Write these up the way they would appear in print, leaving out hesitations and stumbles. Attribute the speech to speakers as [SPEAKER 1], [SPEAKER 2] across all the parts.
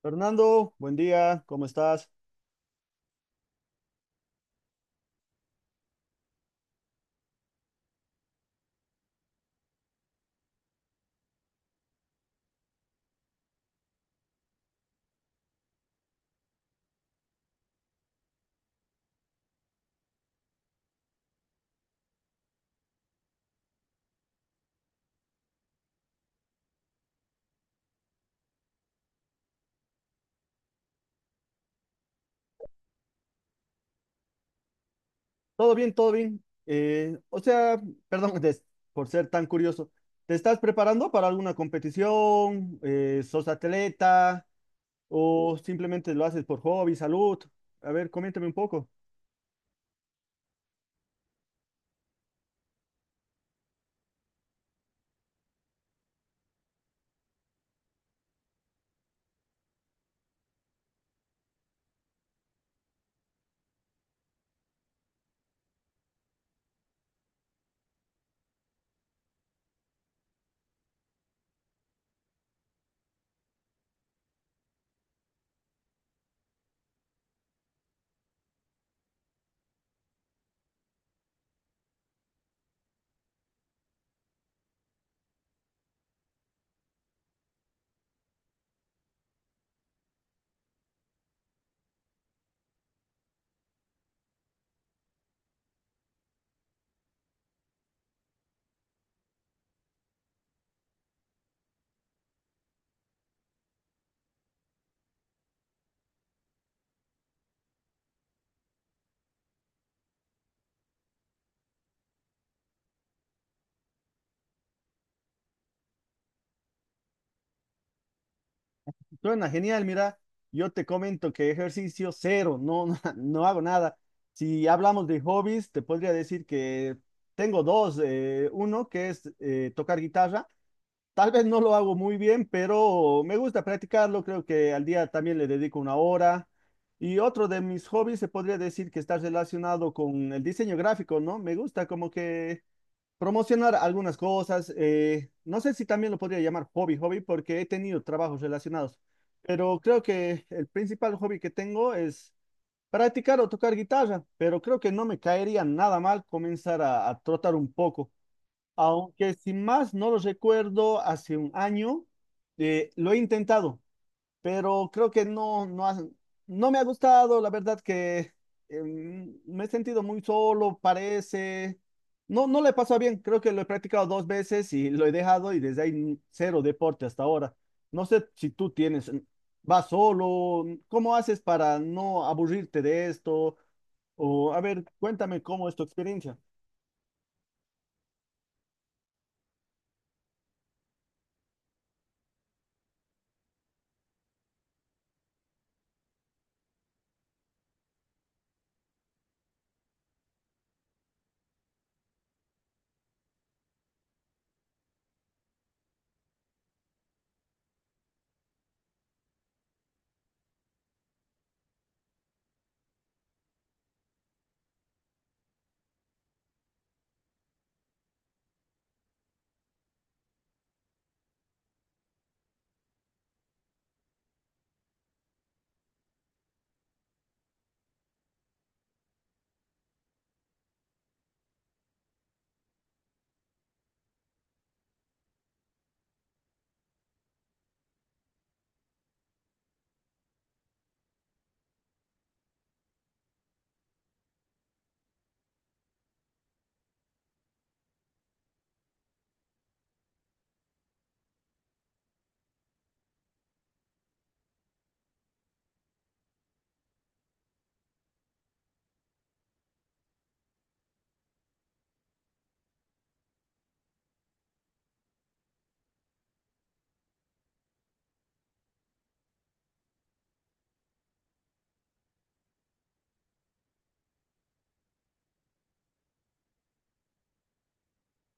[SPEAKER 1] Fernando, buen día, ¿cómo estás? Todo bien, todo bien. Perdón des- por ser tan curioso. ¿Te estás preparando para alguna competición? ¿Sos atleta? ¿O simplemente lo haces por hobby, salud? A ver, coméntame un poco. Suena genial, mira, yo te comento que ejercicio cero, no, no, no hago nada. Si hablamos de hobbies, te podría decir que tengo dos. Uno que es tocar guitarra. Tal vez no lo hago muy bien, pero me gusta practicarlo. Creo que al día también le dedico una hora. Y otro de mis hobbies se podría decir que está relacionado con el diseño gráfico, ¿no? Me gusta como que promocionar algunas cosas. No sé si también lo podría llamar hobby, porque he tenido trabajos relacionados. Pero creo que el principal hobby que tengo es practicar o tocar guitarra. Pero creo que no me caería nada mal comenzar a trotar un poco. Aunque sin más no lo recuerdo, hace un año lo he intentado, pero creo que no me ha gustado. La verdad que eh, me he sentido muy solo, parece. No, no le pasó bien. Creo que lo he practicado dos veces y lo he dejado y desde ahí cero deporte hasta ahora. No sé si tú tienes, vas solo, ¿cómo haces para no aburrirte de esto? O a ver, cuéntame cómo es tu experiencia.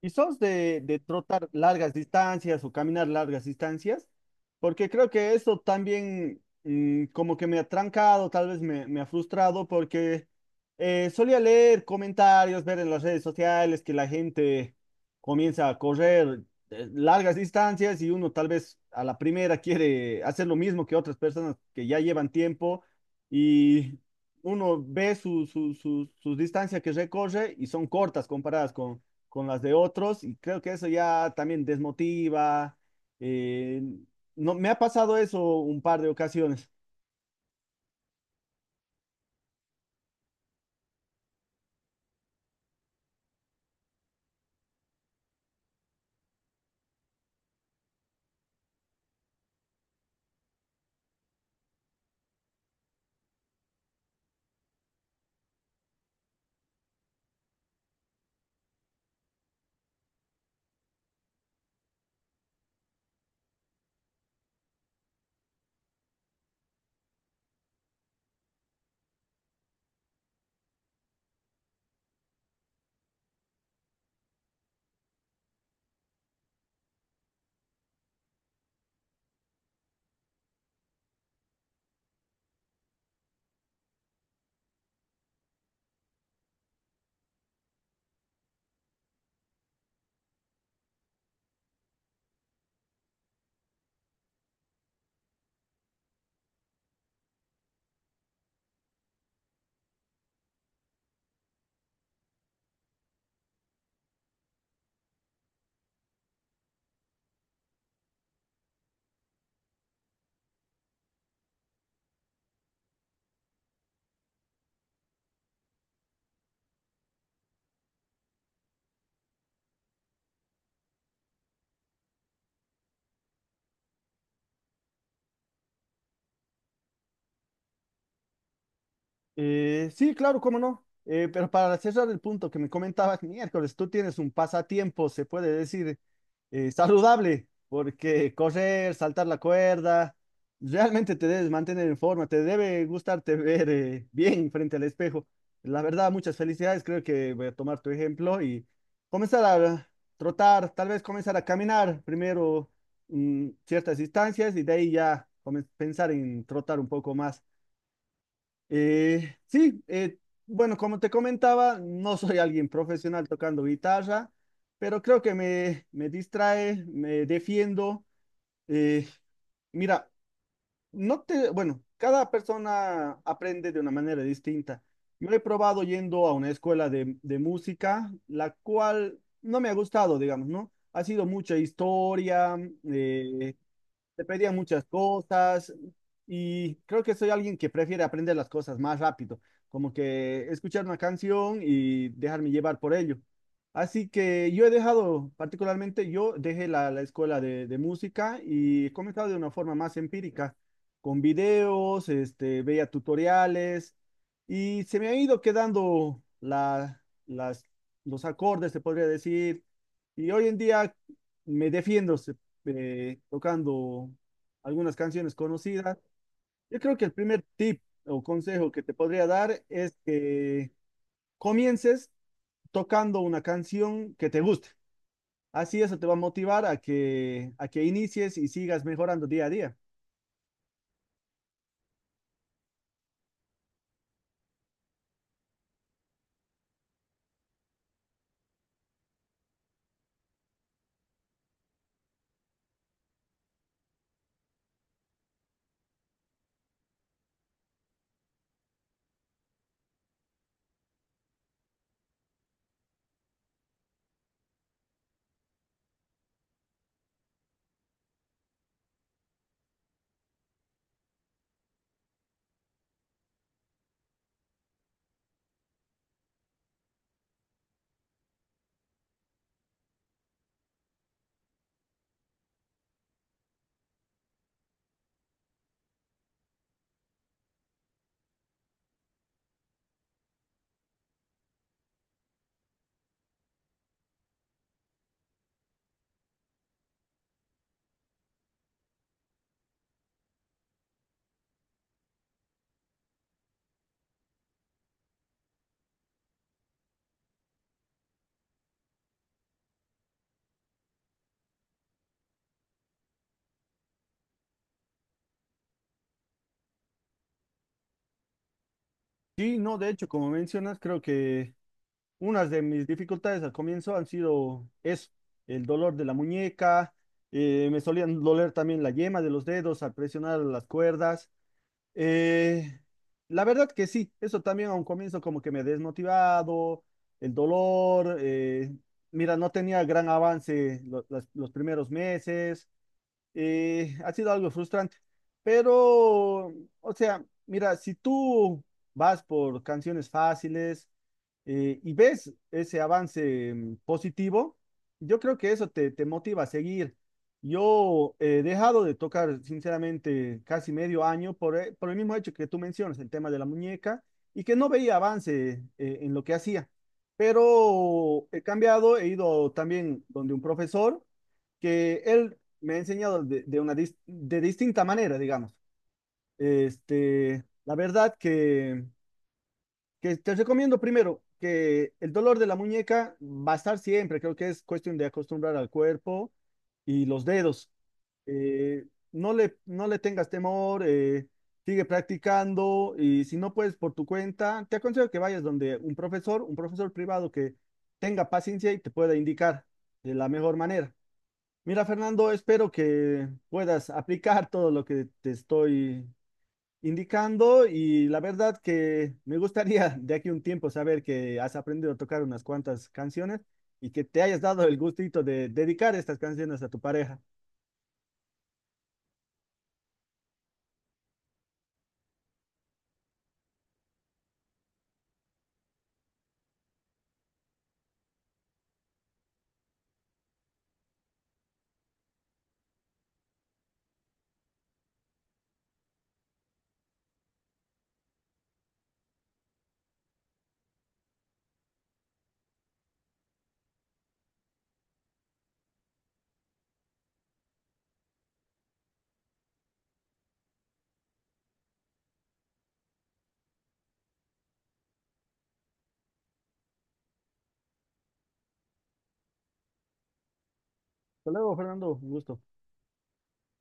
[SPEAKER 1] Y sos de trotar largas distancias o caminar largas distancias, porque creo que eso también como que me ha trancado, tal vez me ha frustrado, porque solía leer comentarios, ver en las redes sociales que la gente comienza a correr largas distancias y uno tal vez a la primera quiere hacer lo mismo que otras personas que ya llevan tiempo y uno ve sus distancias que recorre y son cortas comparadas con las de otros y creo que eso ya también desmotiva. eh, no, me ha pasado eso un par de ocasiones. Sí, claro, cómo no. Pero para cerrar el punto que me comentabas miércoles, tú tienes un pasatiempo, se puede decir, saludable, porque correr, saltar la cuerda, realmente te debes mantener en forma, te debe gustarte ver bien frente al espejo. La verdad, muchas felicidades, creo que voy a tomar tu ejemplo y comenzar a trotar, tal vez comenzar a caminar primero ciertas distancias y de ahí ya pensar en trotar un poco más. Eh, sí, eh, bueno, como te comentaba, no soy alguien profesional tocando guitarra, pero creo que me distrae, me defiendo. eh, Mira, no te, bueno, cada persona aprende de una manera distinta. Yo he probado yendo a una escuela de música, la cual no me ha gustado, digamos, ¿no? Ha sido mucha historia, eh, te pedían muchas cosas y creo que soy alguien que prefiere aprender las cosas más rápido, como que escuchar una canción y dejarme llevar por ello. Así que yo he dejado, particularmente yo dejé la escuela de música y he comenzado de una forma más empírica, con videos, este, veía tutoriales y se me ha ido quedando los acordes, se podría decir, y hoy en día me defiendo, tocando algunas canciones conocidas. Yo creo que el primer tip o consejo que te podría dar es que comiences tocando una canción que te guste. Así eso te va a motivar a que inicies y sigas mejorando día a día. Sí, no, de hecho, como mencionas, creo que unas de mis dificultades al comienzo han sido eso, el dolor de la muñeca, me solían doler también la yema de los dedos al presionar las cuerdas. Eh, la verdad que sí, eso también a un comienzo como que me he desmotivado, el dolor, mira, no tenía gran avance los primeros meses, ha sido algo frustrante. Pero, o sea, mira, si tú vas por canciones fáciles y ves ese avance positivo, yo creo que eso te motiva a seguir. Yo he dejado de tocar, sinceramente, casi medio año por, por el mismo hecho que tú mencionas, el tema de la muñeca, y que no veía avance en lo que hacía. Pero he cambiado, he ido también donde un profesor que él me ha enseñado de una de distinta manera, digamos. Este, la verdad que te recomiendo primero que el dolor de la muñeca va a estar siempre, creo que es cuestión de acostumbrar al cuerpo y los dedos. Eh, no le tengas temor, sigue practicando y si no puedes por tu cuenta, te aconsejo que vayas donde un profesor privado que tenga paciencia y te pueda indicar de la mejor manera. Mira, Fernando, espero que puedas aplicar todo lo que te estoy indicando y la verdad que me gustaría de aquí a un tiempo saber que has aprendido a tocar unas cuantas canciones y que te hayas dado el gustito de dedicar estas canciones a tu pareja. Hasta luego, Fernando, un gusto.